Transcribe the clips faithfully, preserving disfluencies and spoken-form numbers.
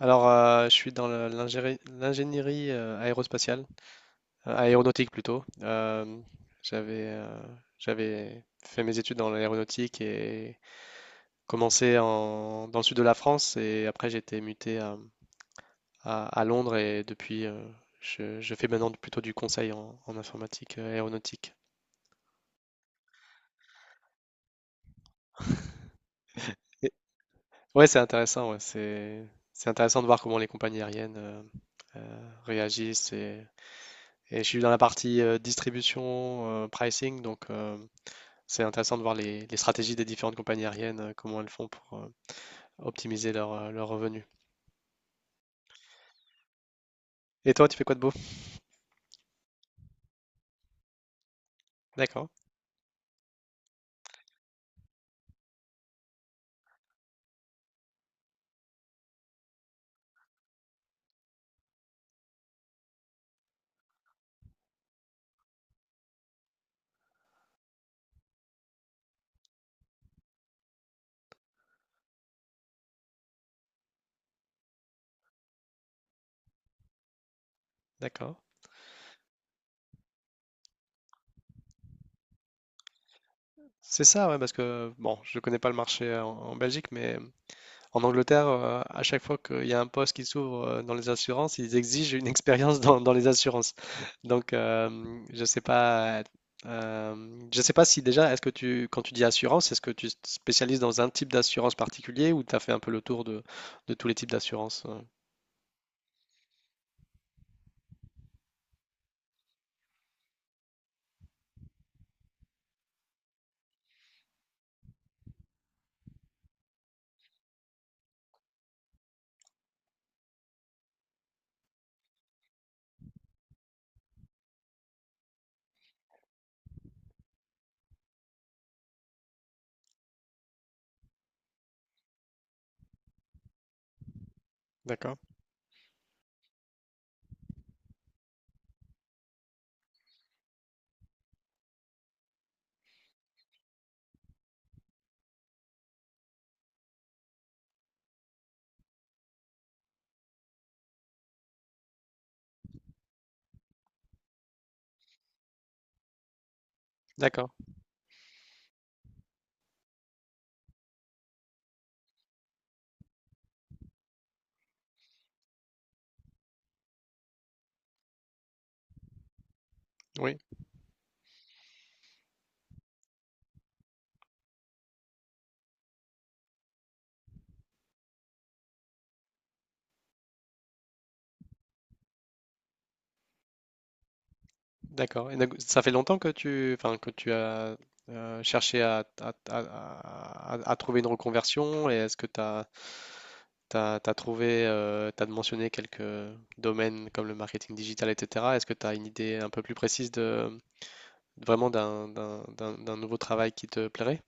Alors, euh, je suis dans le- l'ingéri- l'ingénierie euh, aérospatiale, euh, aéronautique plutôt. Euh, j'avais euh, j'avais fait mes études dans l'aéronautique et commencé en, dans le sud de la France et après j'ai été muté à, à- à Londres et depuis euh, je, je fais maintenant plutôt du conseil en, en informatique euh, aéronautique. Et- ouais, c'est intéressant, ouais, c'est c'est intéressant de voir comment les compagnies aériennes euh, euh, réagissent et, et je suis dans la partie euh, distribution, euh, pricing, donc euh, c'est intéressant de voir les, les stratégies des différentes compagnies aériennes, euh, comment elles font pour euh, optimiser leurs euh, leurs revenus. Et toi, tu fais quoi de beau? D'accord, d'accord. C'est ça, ouais, parce que bon, je connais pas le marché en, en Belgique, mais euh, en Angleterre, euh, à chaque fois qu'il y a un poste qui s'ouvre euh, dans les assurances, ils exigent une expérience dans, dans les assurances. Donc, euh, je sais pas, euh, je sais pas si déjà, est-ce que tu, quand tu dis assurance, est-ce que tu te spécialises dans un type d'assurance particulier ou tu as fait un peu le tour de, de tous les types d'assurances? euh, D'accord, d'accord. Oui, d'accord. Et donc, ça fait longtemps que tu, enfin, que tu as euh, cherché à, à- à- à- à- à trouver une reconversion et est-ce que tu as, trouvé, tu as mentionné quelques domaines comme le marketing digital, et cetera. Est-ce que tu as une idée un peu plus précise de vraiment d'un, d'un- d'un- d'un nouveau travail qui te plairait?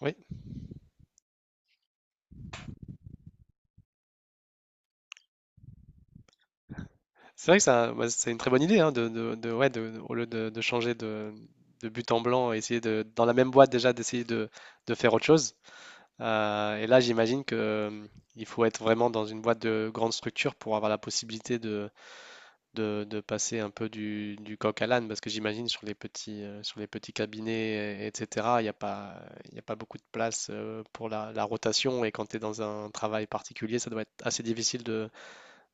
Oui, c'est vrai que ça, bah, c'est une très bonne idée hein, de, de- de- ouais, de- au lieu de, de changer de, de but en blanc, essayer de, dans la même boîte déjà d'essayer de, de faire autre chose. Euh, et là, j'imagine que euh, il faut être vraiment dans une boîte de grande structure pour avoir la possibilité de, de, de passer un peu du, du coq à l'âne, parce que j'imagine sur les petits, euh, sur les petits cabinets, et- etc., il n'y a pas, il y a pas beaucoup de place euh, pour la, la rotation, et quand tu es dans un travail particulier, ça doit être assez difficile de,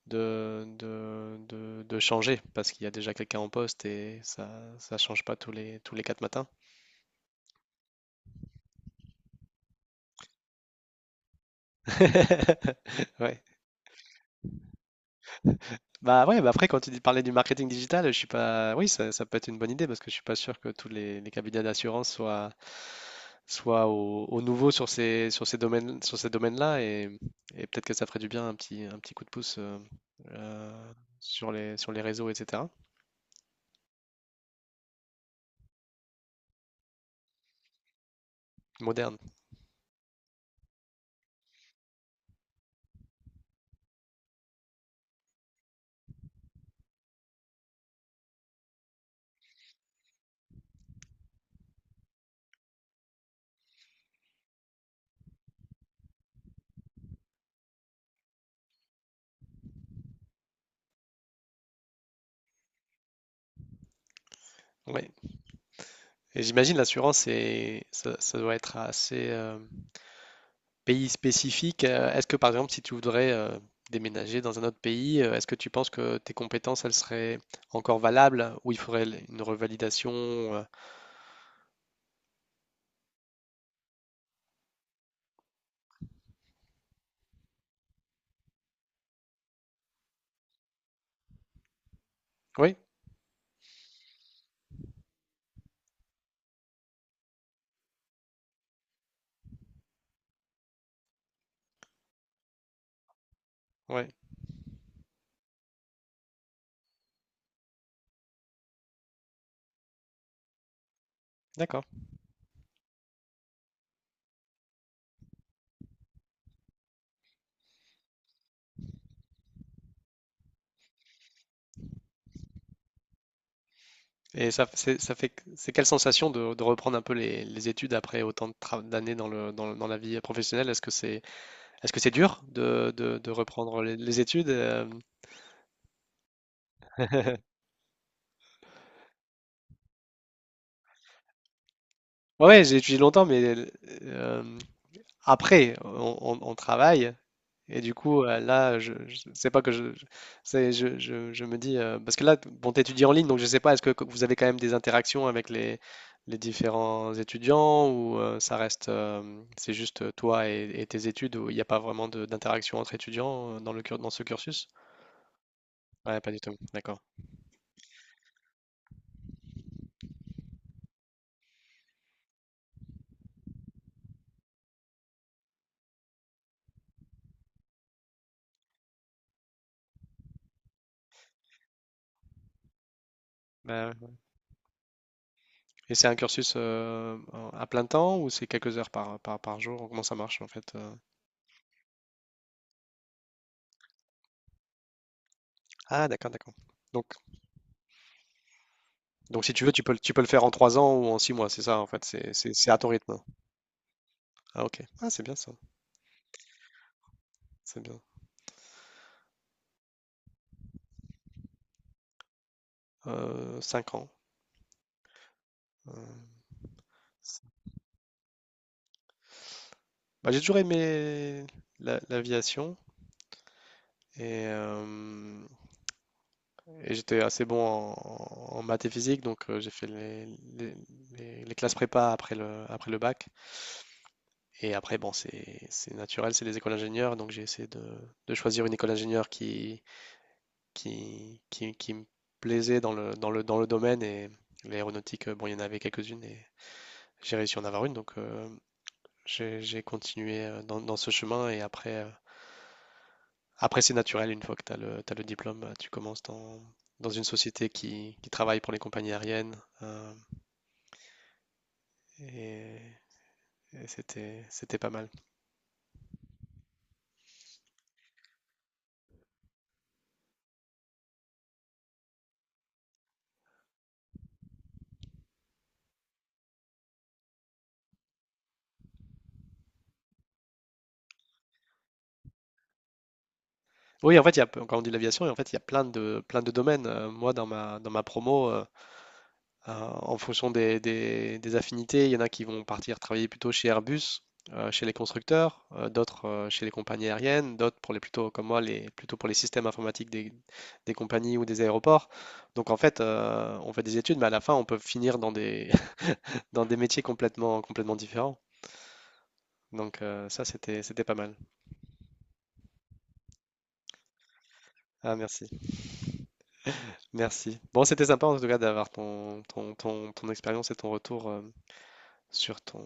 de, de, de- de changer, parce qu'il y a déjà quelqu'un en poste et ça ça change pas tous les, tous les quatre matins. Ouais. Bah ouais, bah après quand tu dis parler du marketing digital, je suis pas, oui, ça, ça peut être une bonne idée parce que je suis pas sûr que tous les, les cabinets d'assurance soient soient au, au nouveau sur ces sur ces domaines sur ces domaines-là et, et peut-être que ça ferait du bien un petit un petit coup de pouce euh, euh, sur les sur les réseaux et cetera Moderne. Ouais. Et j'imagine l'assurance c'est ça, ça doit être assez euh, pays spécifique. Heu, est-ce que par exemple si tu voudrais, heu, déménager dans un autre pays, heu, est-ce que tu penses que tes compétences, elles seraient encore valables ou il faudrait l une revalidation, heu? Oui? Ouais, d'accord. Et ça c'est ça fait q c'est quelle sensation de de reprendre un peu les les études après autant de tra d'années dans le dans le- dans la vie professionnelle? Est-ce que c'est est-ce que c'est dur de de de reprendre les les études, hem? Ouais, ouais, j'ai étudié longtemps, mais l après on on on travaille. Et du coup, euh, là, je, je sais pas que je, je- c'est, je, je, je me dis, euh, parce que là, bon, t'étudies en ligne, donc je sais pas, est-ce que que vous avez quand même des interactions avec les, les différents étudiants ou euh, ça reste, euh, c'est juste toi et, et tes études où il n'y a pas vraiment de- d'interaction entre étudiants euh, dans le, cur- dans ce cursus? Ouais, pas du tout, d'accord. Bah, ouais. Et c'est un cursus euh, en- à plein temps ou c'est quelques heures par, par, par jour? Comment ça marche en fait? euh Ah, d'accord, d'accord. Donc, donc si tu veux, tu peux, le- tu peux le faire en trois ans ou en six mois, c'est ça en fait, c'est c'est- c'est à ton rythme. Ah OK. Ah c'est bien ça, c'est bien. Heu, cinq ans. Heu, c Bah, j'ai toujours aimé l'a l'aviation et hem et j'étais assez bon en en maths et physique, donc heu, j'ai fait les les les les classes prépa après le après le bac et après, bon, c'est c'est naturel, c'est les écoles d'ingénieurs, donc j'ai essayé de de choisir une école d'ingénieur qui qui qui qui me plaisait dans le dans le dans le domaine et l'aéronautique, euh, bon il y en avait quelques-unes et j'ai réussi à en avoir une, donc heu J'ai j'ai continué euh, dans, dans ce chemin et après, euh, après c'est naturel, une fois que tu as le, t'as le diplôme, euh, tu commences dans, dans une société qui, qui travaille pour les compagnies aériennes euh, et, et c'était, c'était pas mal. Oui, en fait, il y a, quand on dit l'aviation, en fait, il y a plein de, plein de domaines. Euh, moi, dans ma, dans ma promo, euh, Euh, en fonction des, des- des affinités, il y en a qui vont partir travailler plutôt chez Airbus, euh, chez les constructeurs, euh, d'autres euh, chez les compagnies aériennes, d'autres pour les plutôt comme moi, les plutôt pour les systèmes informatiques des, des compagnies ou des aéroports. Donc en fait, euh, on fait des études, mais à la fin, on peut finir dans des dans des métiers complètement complètement différents. Donc euh, ça, c'était c'était pas mal. Ah merci, merci. Bon, c'était sympa en tout cas d'avoir ton ton, ton, ton expérience et ton retour euh, sur ton,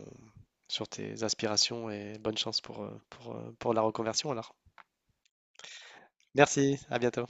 sur tes aspirations et bonne chance pour, euh, pour, euh, pour la reconversion alors. Merci, à bientôt.